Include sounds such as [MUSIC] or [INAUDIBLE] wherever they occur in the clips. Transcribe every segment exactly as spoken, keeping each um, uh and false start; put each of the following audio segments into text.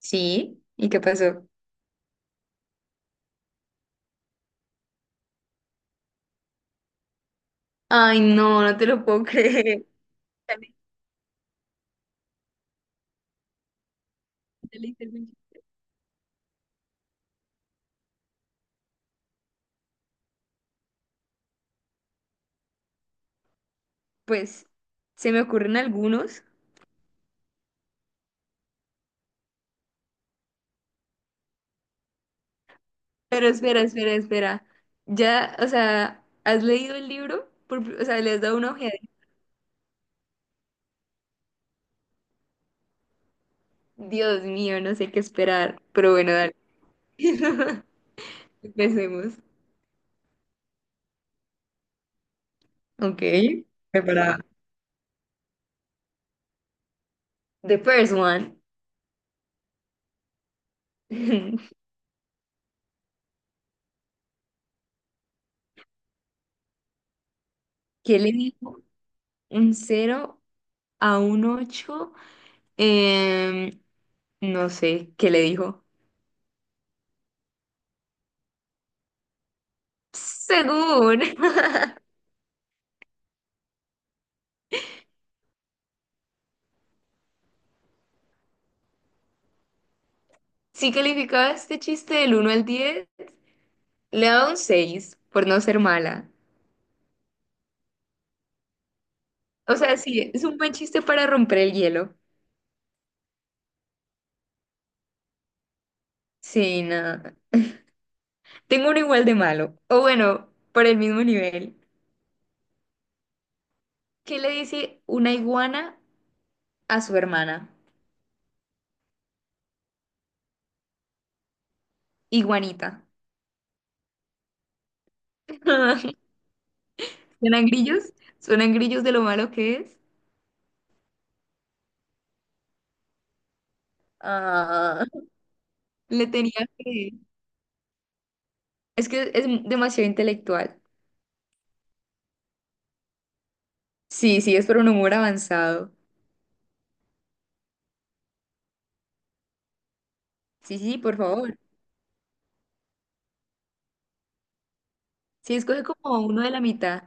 Sí, ¿y qué pasó? Ay, no, no te lo puedo [LAUGHS] creer. Ya le- ya le hice el winch. Pues se me ocurren algunos, pero espera, espera, espera. Ya, o sea, ¿has leído el libro? Por pri- o sea, le has dado una ojeada. Dios mío, no sé qué esperar, pero bueno, dale. [LAUGHS] Empecemos. Ok, preparada. The first one. [LAUGHS] ¿Qué le dijo un cero a un ocho? Em, no sé, ¿qué le dijo? Según. [LAUGHS] Si calificaba este chiste del uno al diez le daba un seis por no ser mala. O sea, sí, es un buen chiste para romper el hielo. Sí, nada. Tengo uno igual de malo. O bueno, por el mismo nivel. ¿Qué le dice una iguana a su hermana? Iguanita. [LAUGHS] ¿Suenan grillos? ¿Suenan grillos de lo malo que es? Ah, le tenía que... Es que es demasiado intelectual. Sí, sí, es por un humor avanzado. Sí, sí, por favor. Sí, escoge como uno de la mitad.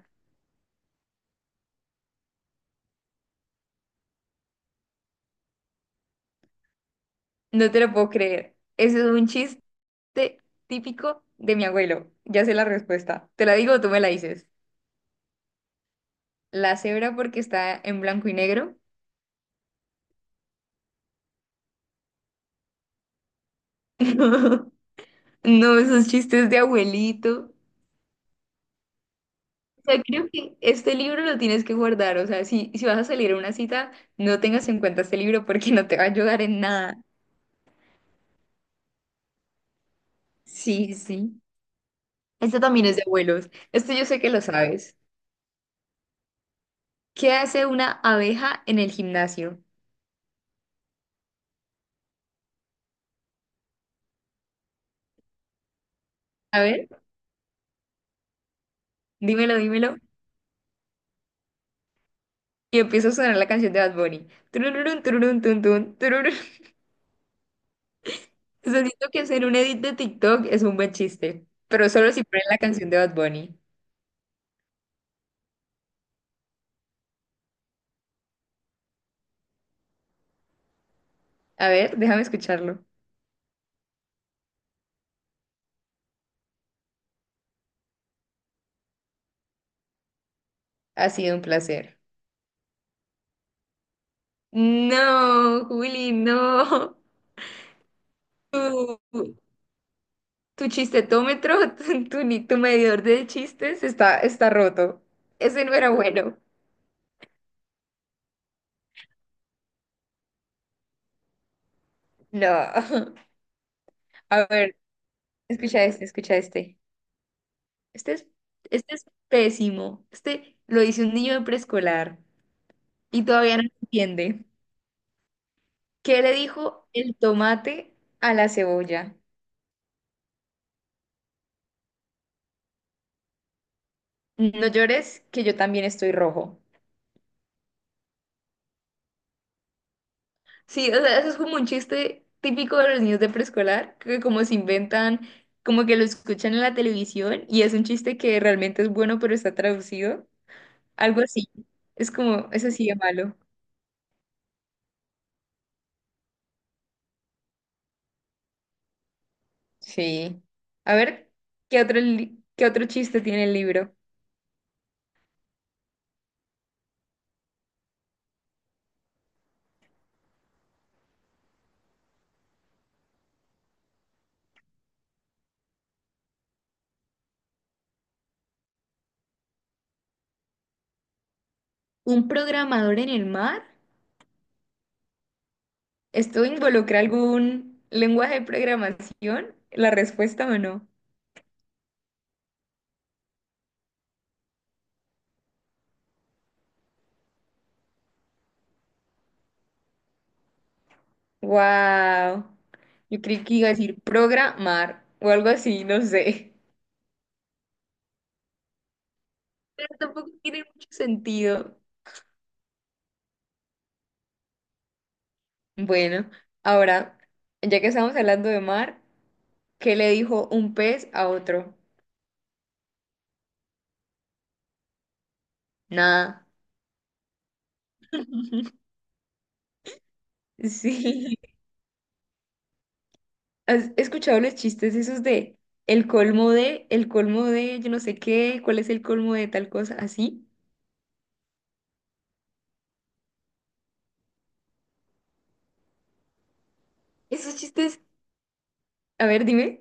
No te lo puedo creer. Ese es un chiste típico de mi abuelo. Ya sé la respuesta. ¿Te la digo o tú me la dices? La cebra porque está en blanco y negro. [LAUGHS] No, no, esos chistes de abuelito. O sea, creo que este libro lo tienes que guardar. O sea, si, si vas a salir a una cita, no tengas en cuenta este libro porque no te va a ayudar en nada. Sí, sí. Este también es de abuelos. Este yo sé que lo sabes. ¿Qué hace una abeja en el gimnasio? A ver. Dímelo, dímelo. Y empieza a sonar la canción de Bad Bunny. Tururún, tururún, tun, tun, tururún. O sea, siento que hacer un edit de TikTok es un buen chiste, pero solo si ponen la canción de Bad Bunny. A ver, déjame escucharlo. Ha sido un placer. No, Juli, no. Tu, tu chistetómetro, [LAUGHS] tu, tu, ni- tu medidor de chistes está, está roto. Ese no era bueno. No. [LAUGHS] A ver, escucha este, escucha este. Este es, este es pésimo. Este lo dice un niño de preescolar y todavía no entiende. ¿Qué le dijo el tomate a la cebolla? No llores, que yo también estoy rojo. Sí, o sea, eso es como un chiste típico de los niños de preescolar, que como se inventan, como que lo escuchan en la televisión y es un chiste que realmente es bueno, pero está traducido. Algo así. Es como, eso sí de malo. Sí. A ver, ¿qué otro, li- qué otro chiste tiene el libro? ¿Un programador en el mar? ¿Esto involucra algún lenguaje de programación? ¿La respuesta o no? Wow. Yo creí que iba a decir programar o algo así, no sé. [LAUGHS] Pero tampoco tiene mucho sentido. Bueno, ahora, ya que estamos hablando de mar, ¿qué le dijo un pez a otro? Nada. [LAUGHS] Sí. ¿Has escuchado los chistes esos de el colmo de, el colmo de, yo no sé qué, cuál es el colmo de tal cosa, así? Esos chistes, a ver, dime,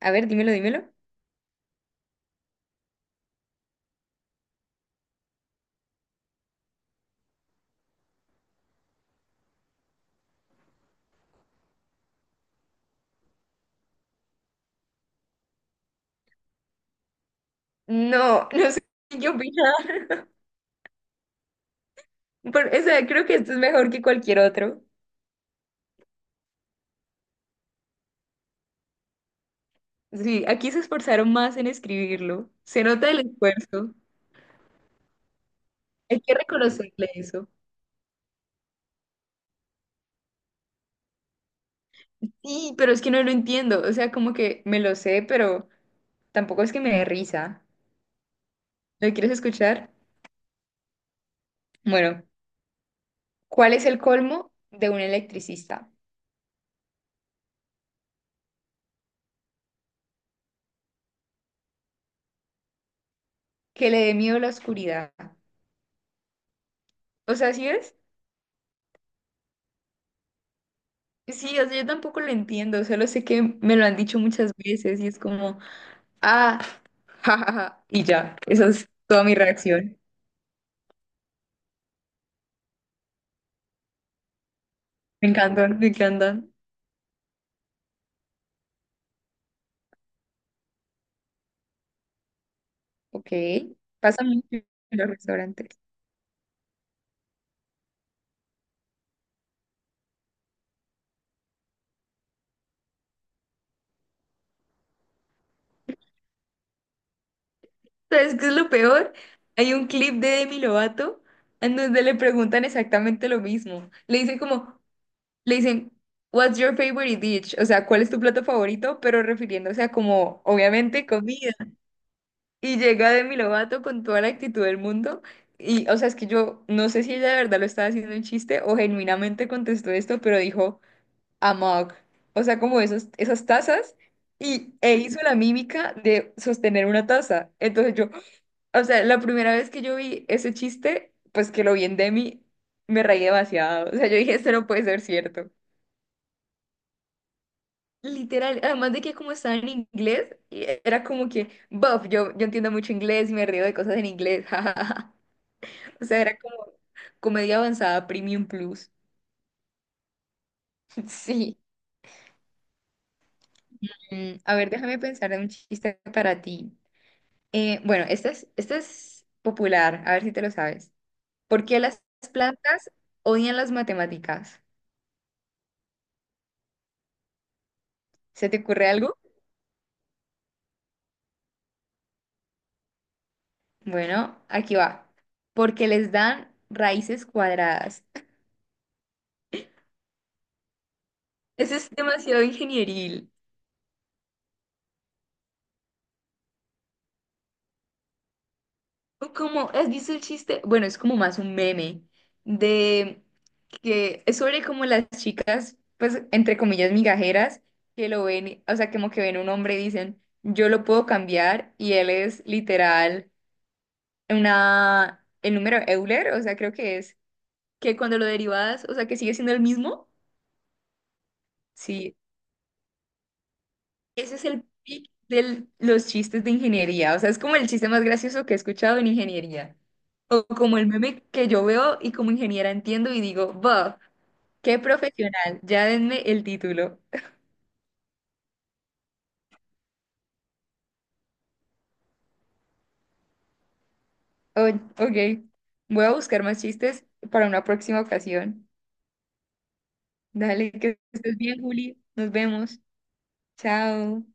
a ver, dímelo, dímelo. No, [LAUGHS] no sé qué opinar. Pero, o sea, creo que esto es mejor que cualquier otro. Sí, aquí se esforzaron más en escribirlo. Se nota el esfuerzo. Hay que reconocerle eso. Sí, pero es que no lo entiendo. O sea, como que me lo sé, pero tampoco es que me dé risa. ¿Lo quieres escuchar? Bueno. ¿Cuál es el colmo de un electricista? Que le dé miedo la oscuridad. O sea, ¿sí es? Sí, o sea, yo tampoco lo entiendo, solo sé que me lo han dicho muchas veces y es como, ah, [LAUGHS] jajaja, y ya, esa es toda mi reacción. Me encantan, me encantan. Ok, pasa mucho en los restaurantes. ¿Sabes qué es lo peor? Hay un clip de Demi Lovato en donde le preguntan exactamente lo mismo. Le dicen como, Le dicen, What's your favorite dish? O sea, ¿cuál es tu plato favorito? Pero refiriéndose a como, obviamente, comida. Y llega Demi Lovato con toda la actitud del mundo. Y, o sea, es que yo no sé si ella de verdad lo estaba haciendo un chiste o genuinamente contestó esto, pero dijo, a mug. O sea, como esos, esas tazas. Y e hizo la mímica de sostener una taza. Entonces yo, o sea, la primera vez que yo vi ese chiste, pues que lo vi en Demi, me reí demasiado. O sea, yo dije, esto no puede ser cierto. Literal, además de que como estaba en inglés, y era como que, buff, yo, yo entiendo mucho inglés y me río de cosas en inglés, [LAUGHS] jajaja. O sea, era como comedia avanzada Premium Plus. [LAUGHS] Sí. Mm, a ver, déjame pensar en un chiste para ti. Eh, bueno, este es, este es popular, a ver si te lo sabes. ¿Por qué las plantas odian las matemáticas? ¿Se te ocurre algo? Bueno, aquí va. Porque les dan raíces cuadradas. [LAUGHS] Ese es demasiado ingenieril. Como, ¿has visto el chiste? Bueno, es como más un meme de que es sobre como las chicas, pues, entre comillas, migajeras, que lo ven, o sea, como que ven un hombre y dicen, yo lo puedo cambiar, y él es literal una, el número Euler, o sea, creo que es, que cuando lo derivas, o sea, que sigue siendo el mismo, sí, ese es el pic de los chistes de ingeniería, o sea, es como el chiste más gracioso que he escuchado en ingeniería. O como el meme que yo veo y como ingeniera entiendo y digo, ¡buff! ¡Qué profesional! Ya denme el título. Oh, ok, voy a buscar más chistes para una próxima ocasión. Dale, que estés bien, Juli. Nos vemos. Chao.